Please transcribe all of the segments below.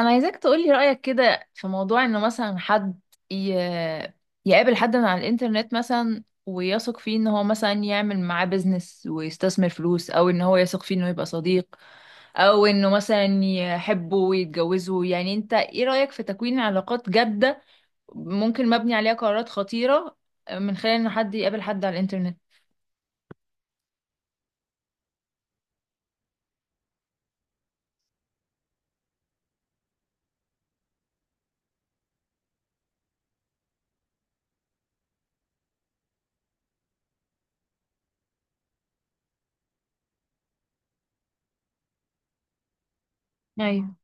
انا عايزاك تقولي رأيك كده في موضوع انه مثلا حد ي... يقابل حد من على الانترنت مثلا، ويثق فيه ان هو مثلا يعمل معاه بيزنس ويستثمر فلوس، او ان هو يثق فيه انه يبقى صديق، او انه مثلا يحبه ويتجوزه. يعني انت ايه رأيك في تكوين علاقات جادة ممكن مبني عليها قرارات خطيرة من خلال انه حد يقابل حد على الانترنت؟ ايوه.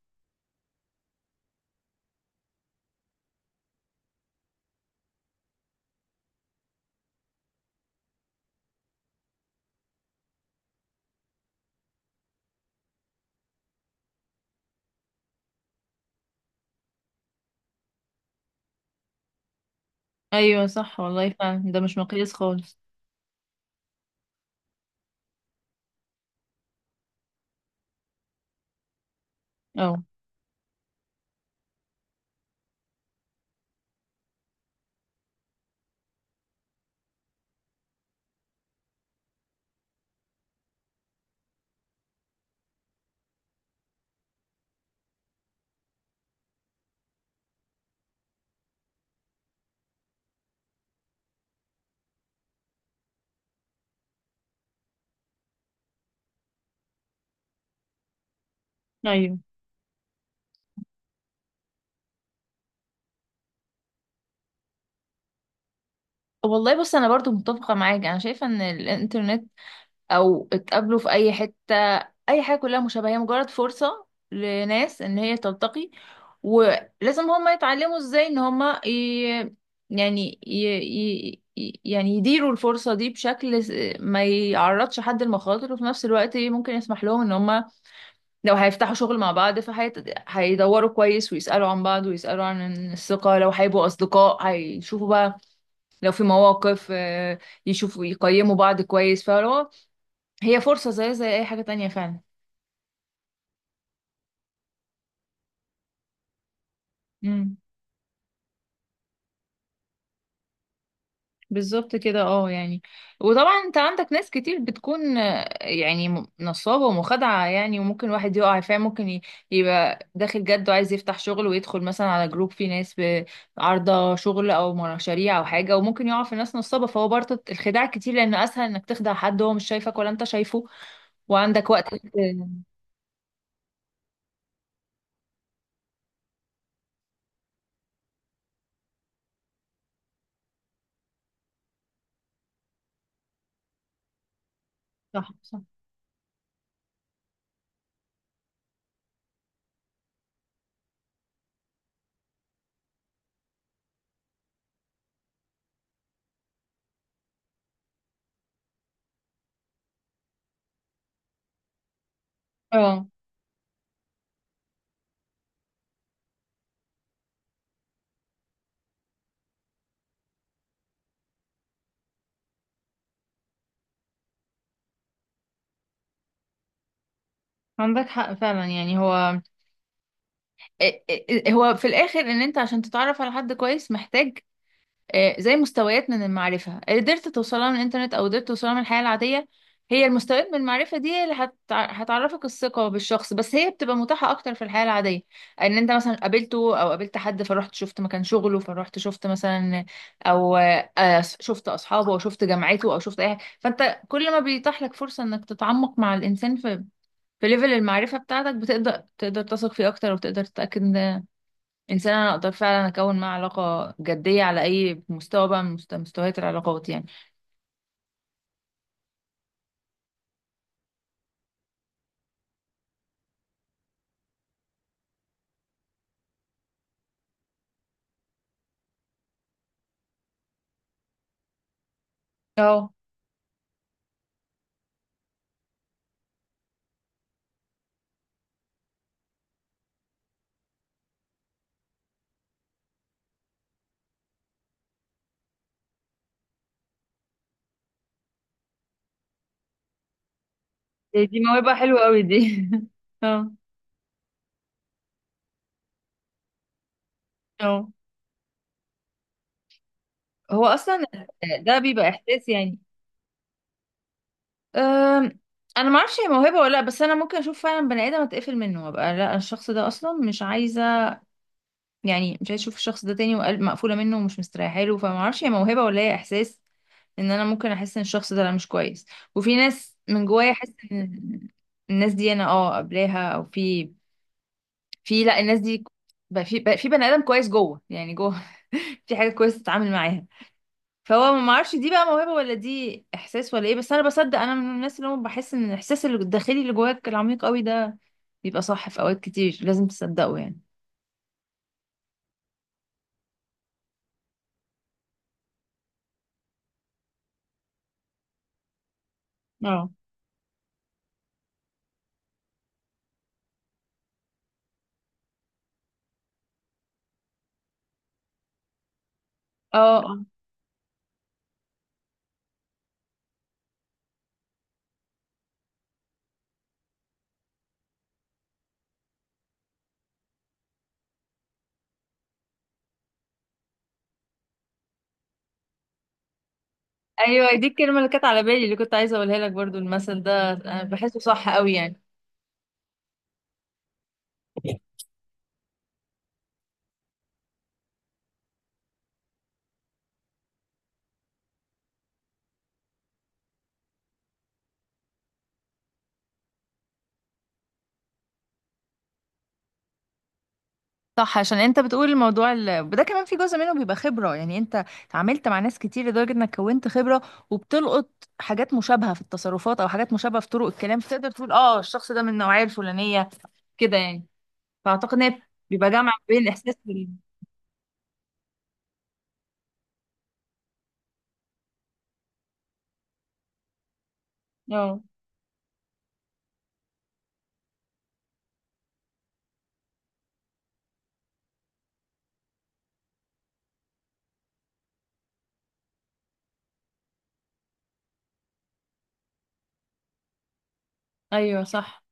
ايوه صح والله فعلا ده مش مقياس خالص. اه. ايوه. والله بص انا برضو متفقة معاك، انا شايفة ان الانترنت او اتقابلوا في اي حتة اي حاجة كلها مشابهة، هي مجرد فرصة لناس ان هي تلتقي. ولازم هما يتعلموا ازاي ان هما ي... يعني ي... ي... ي- يعني يديروا الفرصة دي بشكل ما يعرضش حد لمخاطر، وفي نفس الوقت ممكن يسمح لهم ان هما لو هيفتحوا شغل مع بعض فهيدوروا كويس ويسألوا عن بعض ويسألوا عن الثقة، لو هيبقوا أصدقاء هيشوفوا بقى لو في مواقف آه، يشوفوا يقيموا بعض كويس. فلو هي فرصة زي زي أي حاجة تانية فعلا. امم. بالظبط كده، اه يعني. وطبعا انت عندك ناس كتير بتكون آه، يعني نصابة ومخادعة يعني، وممكن واحد يقع فيها. ممكن يبقى داخل جد وعايز يفتح شغل ويدخل مثلا على جروب فيه ناس عارضة شغل أو مشاريع أو حاجة، وممكن يقع في ناس نصابة. فهو برضه الخداع كتير، لأن أسهل إنك تخدع حد هو مش شايفك ولا أنت شايفه، وعندك وقت. صح صح. اه، عندك حق فعلا يعني. هو إيه- هو في الاخر ان انت عشان تتعرف على حد كويس محتاج آه، زي مستويات من المعرفة قدرت توصلها من الانترنت او قدرت توصلها من الحياة العادية. هي المستويات من المعرفة دي اللي هتعرفك الثقة بالشخص، بس هي بتبقى متاحة اكتر في الحياة العادية، ان انت مثلا قابلته او قابلت حد فرحت شفت مكان شغله، فرحت شفت مثلا او شفت اصحابه او شفت جامعته او شفت اي حاجة. فانت كل ما بيتاح لك فرصة انك تتعمق مع الانسان في في ليفل المعرفة بتاعتك، بتقدر تثق فيه اكتر، وتقدر تتأكد انسان انا اقدر فعلا اكون معاه علاقه جديه على اي مستوى بقى من مستويات العلاقات يعني. اه. دي دي موهبة حلوة قوي دي. اه. اه. هو اصلا ده بيبقى احساس يعني. أم، انا ما اعرفش هي موهبه ولا لا، بس انا ممكن اشوف فعلا بني ادم اتقفل منه وابقى لا الشخص ده اصلا مش عايزه يعني، مش عايزه اشوف الشخص ده تاني، وقلب مقفوله منه ومش مستريحه له. فما اعرفش هي موهبه ولا هي احساس ان انا ممكن احس ان الشخص ده لا مش كويس. وفي ناس من جوايا احس ان الناس دي انا اه قبلاها، او في في لا الناس دي بقى في بقى في بني ادم كويس جوه يعني جوه. في حاجه كويسه تتعامل معاها. فهو ما اعرفش دي بقى موهبه ولا دي احساس ولا ايه، بس انا بصدق انا من الناس اللي هم بحس ان الاحساس الداخلي اللي جواك العميق قوي ده بيبقى صح في اوقات كتير، لازم تصدقه يعني. اه. اه. آه. ايوه دي الكلمه اللي كانت على بالي اللي كنت عايزه اقولها لك برضو. المثل ده انا بحسه صح قوي يعني. صح، عشان انت بتقول الموضوع ده كمان في جزء منه بيبقى خبرة يعني. انت اتعاملت مع ناس كتير لدرجة انك كونت خبرة، وبتلقط حاجات مشابهة في التصرفات او حاجات مشابهة في طرق الكلام، فتقدر تقول اه الشخص ده من النوعية الفلانية كده يعني. فاعتقد ان هي بيبقى جمع بين الاحساس بال. اه. ايوه صح.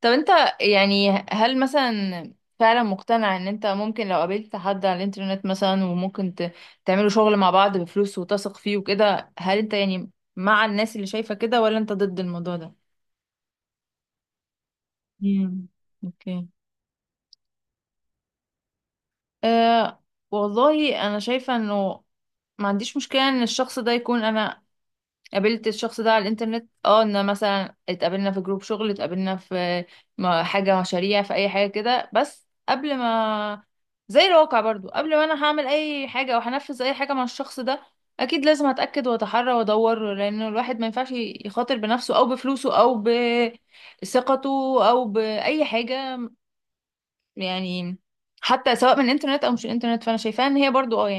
طب انت يعني هل مثلا فعلا مقتنع ان انت ممكن لو قابلت حد على الانترنت مثلا، وممكن تعملوا شغل مع بعض بفلوس وتثق فيه وكده، هل انت يعني مع الناس اللي شايفة كده، ولا انت ضد الموضوع ده؟ امم. اوكي. أه. والله انا شايفة انه ما عنديش مشكلة ان الشخص ده يكون انا قابلت الشخص ده على الانترنت. اه، ان مثلا اتقابلنا في جروب شغل، اتقابلنا في حاجة مشاريع في اي حاجة كده، بس قبل ما زي الواقع برضو، قبل ما انا هعمل اي حاجة او هنفذ اي حاجة مع الشخص ده، اكيد لازم اتأكد واتحرى وادور، لان الواحد ما ينفعش يخاطر بنفسه او بفلوسه او بثقته او باي حاجة يعني. حتى سواء من الانترنت او مش الانترنت، فانا شايفاها ان هي برضو اه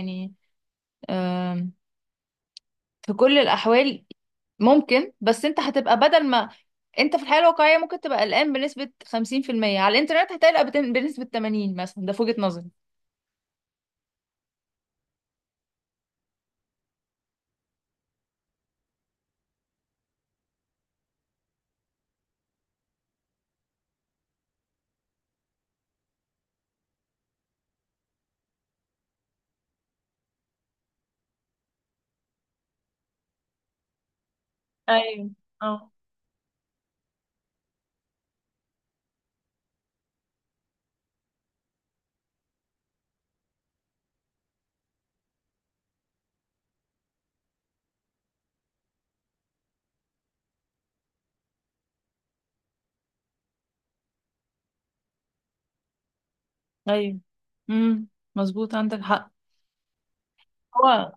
يعني في كل الأحوال ممكن. بس انت هتبقى بدل ما انت في الحياة الواقعية ممكن تبقى قلقان بنسبة 50%، على الانترنت هتقلق بنسبة 80 مثلا. ده في وجهة نظري. ايوه. اه. ايوه. امم. مظبوط، عندك حق. هو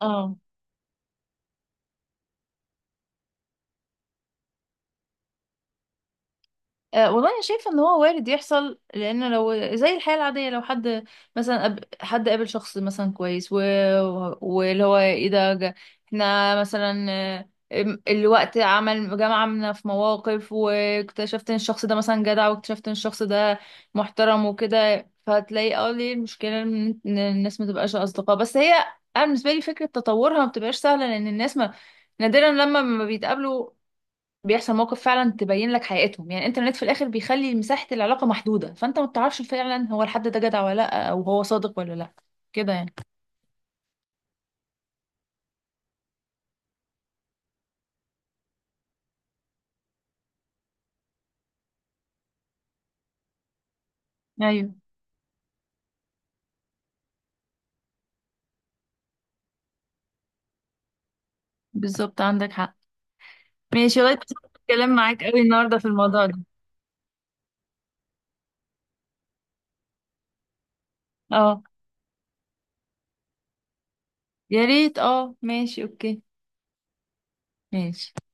اه. أه والله انا شايفه ان هو وارد يحصل، لان لو زي الحياه العاديه لو حد مثلا حد قابل شخص مثلا كويس واللي هو ايه احنا مثلا آه، الوقت عمل جمعنا في مواقف، واكتشفت ان الشخص ده مثلا جدع، واكتشفت ان الشخص ده محترم وكده، فهتلاقي اه ليه المشكله ان إن الناس ما تبقاش اصدقاء. بس هي انا بالنسبه لي فكره تطورها ما بتبقاش سهله، لان الناس ما نادرا لما ما بيتقابلوا بيحصل موقف فعلا تبين لك حقيقتهم يعني. الانترنت في الاخر بيخلي مساحة العلاقة محدودة، فانت ما بتعرفش فعلا هو الحد ده جدع ولا لا، او هو صادق ولا لا، كده يعني. ايوه بالظبط، عندك حق. ماشي والله، اتبسطت الكلام معاك قوي النهارده في الموضوع ده. اه يا ريت، اه ماشي، اوكي. ماشي.